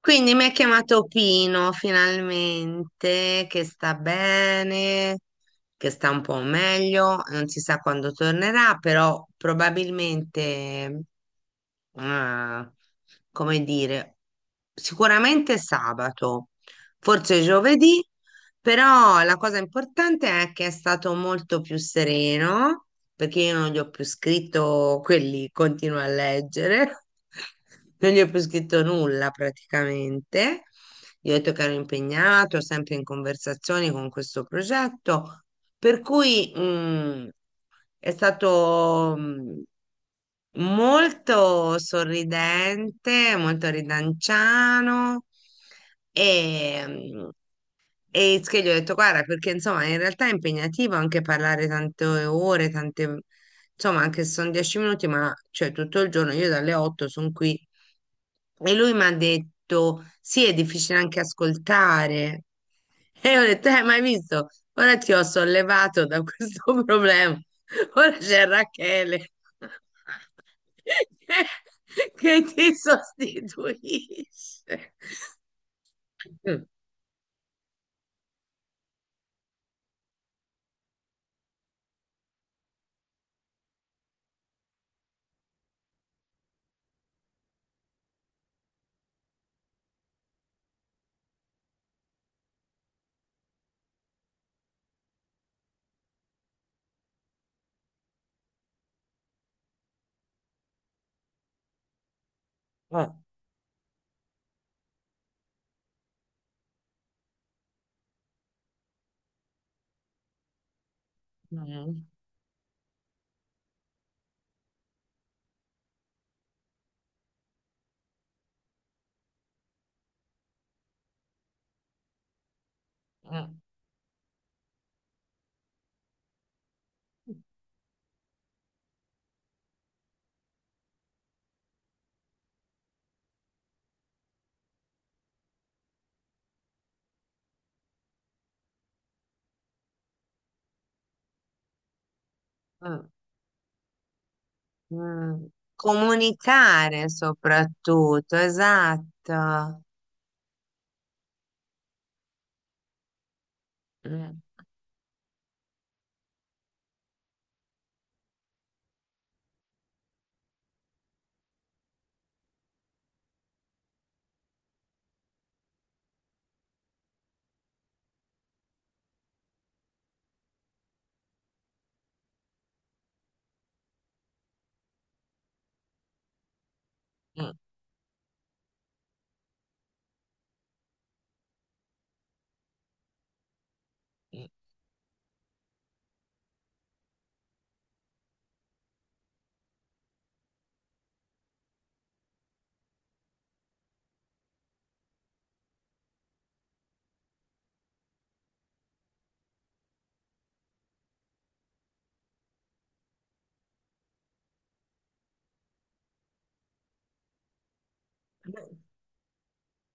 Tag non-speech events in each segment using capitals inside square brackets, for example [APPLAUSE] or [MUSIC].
Quindi mi ha chiamato Pino finalmente, che sta bene, che sta un po' meglio, non si sa quando tornerà, però probabilmente, eh, come dire, sicuramente sabato, forse giovedì, però la cosa importante è che è stato molto più sereno perché io non gli ho più scritto quelli, continuo a leggere, [LAUGHS] non gli ho più scritto nulla praticamente. Gli ho detto che ero impegnato, sempre in conversazioni con questo progetto, per cui è stato molto sorridente, molto ridanciano e, mm, e che gli ho detto, guarda, perché insomma in realtà è impegnativo anche parlare tante ore, tante, insomma anche se sono 10 minuti, ma cioè tutto il giorno, io dalle 8 sono qui. E lui mi ha detto, sì, è difficile anche ascoltare. [LAUGHS] E io ho detto, ma hai visto? Ora ti ho sollevato da questo [LAUGHS] problema. Ora c'è Rachele [LAUGHS] che ti sostituisce. Mm. Ah. Mm, mm, mm, mm. Comunicare soprattutto, esatto. Mm, mm, mm.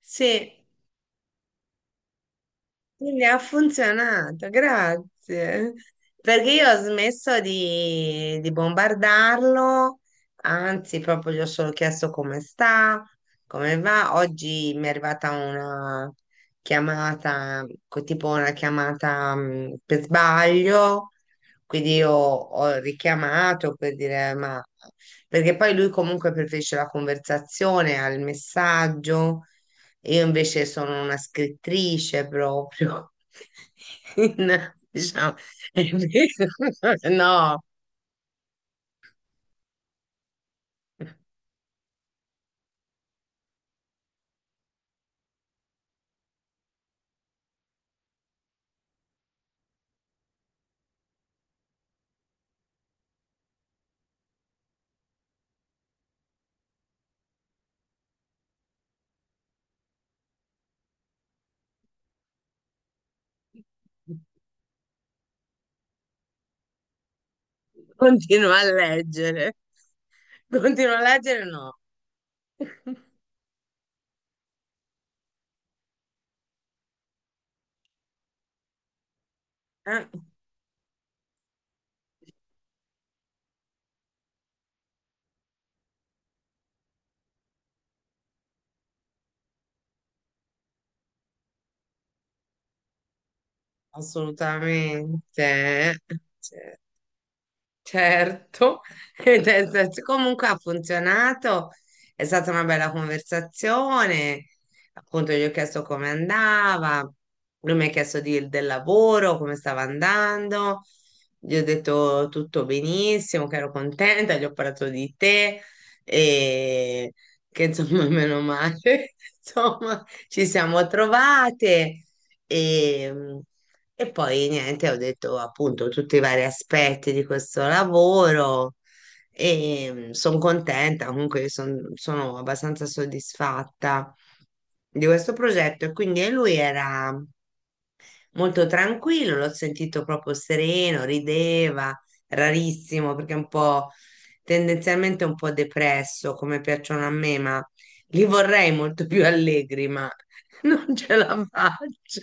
Sì, quindi ha funzionato, grazie. Perché io ho smesso di bombardarlo, anzi, proprio gli ho solo chiesto come sta, come va. Oggi mi è arrivata una chiamata, tipo una chiamata per sbaglio, quindi io ho richiamato per dire, ma perché poi lui comunque preferisce la conversazione al messaggio. Io invece sono una scrittrice proprio. [LAUGHS] Diciamo, [LAUGHS] no, continuo a leggere. Continuo a leggere, no. [LAUGHS] Eh, assolutamente. Cioè, certo, [LAUGHS] comunque ha funzionato, è stata una bella conversazione, appunto gli ho chiesto come andava, lui mi ha chiesto del lavoro, come stava andando, gli ho detto tutto benissimo, che ero contenta, gli ho parlato di te e che insomma [LAUGHS] meno male, [LAUGHS] insomma ci siamo trovate e... E poi niente, ho detto appunto tutti i vari aspetti di questo lavoro e sono contenta, comunque sono abbastanza soddisfatta di questo progetto. E quindi lui era molto tranquillo, l'ho sentito proprio sereno, rideva, rarissimo perché è un po' tendenzialmente un po' depresso come piacciono a me, ma li vorrei molto più allegri, ma [LAUGHS] non ce la faccio.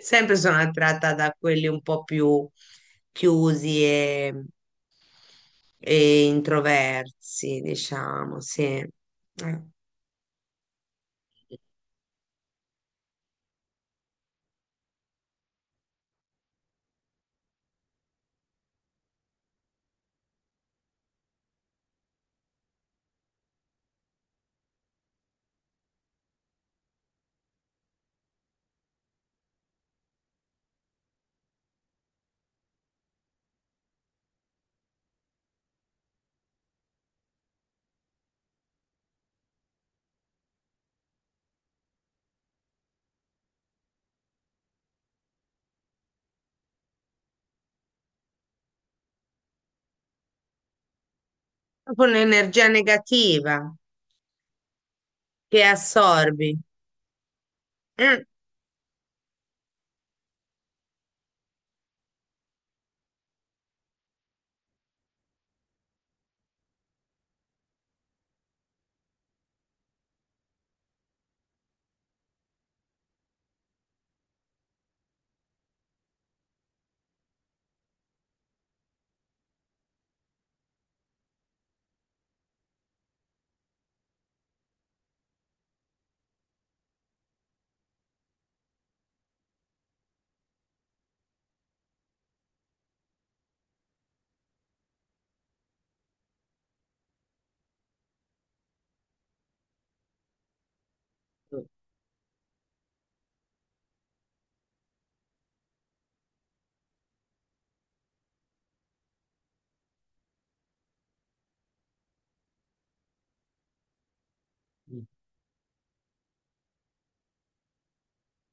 Sempre sono attratta da quelli un po' più chiusi e introversi, diciamo, sì. Proprio un'energia negativa che assorbi. Mm.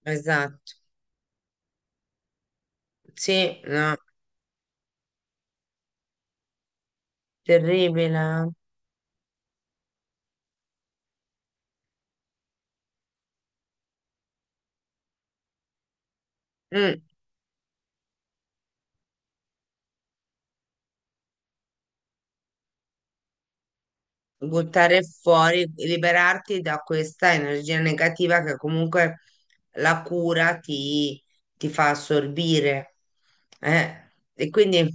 Esatto. Sì, no, terribile. Mm, buttare fuori, liberarti da questa energia negativa che comunque la cura ti fa assorbire. E quindi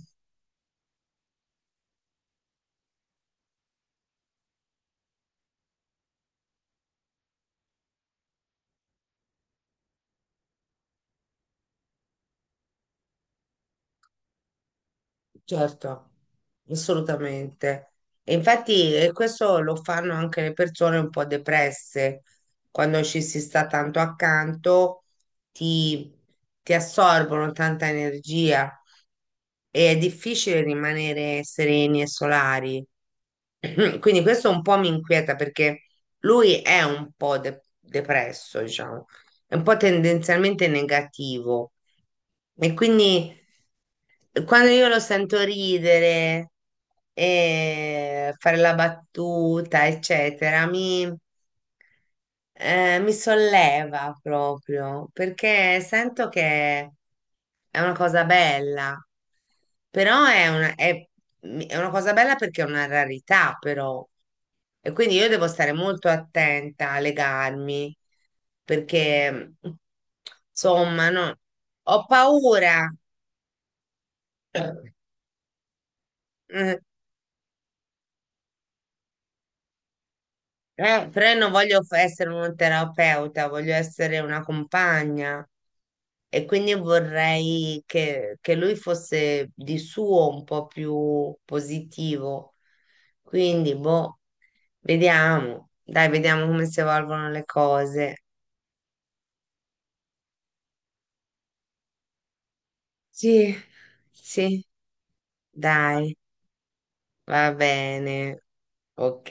certo, assolutamente. E infatti questo lo fanno anche le persone un po' depresse, quando ci si sta tanto accanto, ti, ti assorbono tanta energia e è difficile rimanere sereni e solari. [CLEARS THROAT] Quindi questo un po' mi inquieta perché lui è un po' depresso, diciamo, è un po' tendenzialmente negativo. E quindi quando io lo sento ridere e fare la battuta, eccetera, mi solleva proprio perché sento che è una cosa bella, però è una cosa bella perché è una rarità, però. E quindi io devo stare molto attenta a legarmi perché, insomma, no, ho paura. [CLEARS THROAT] Eh, Però io non voglio essere un terapeuta, voglio essere una compagna e quindi vorrei che lui fosse di suo un po' più positivo. Quindi, boh, vediamo. Dai, vediamo come si evolvono le cose. Sì, sì, dai, va bene. Ok.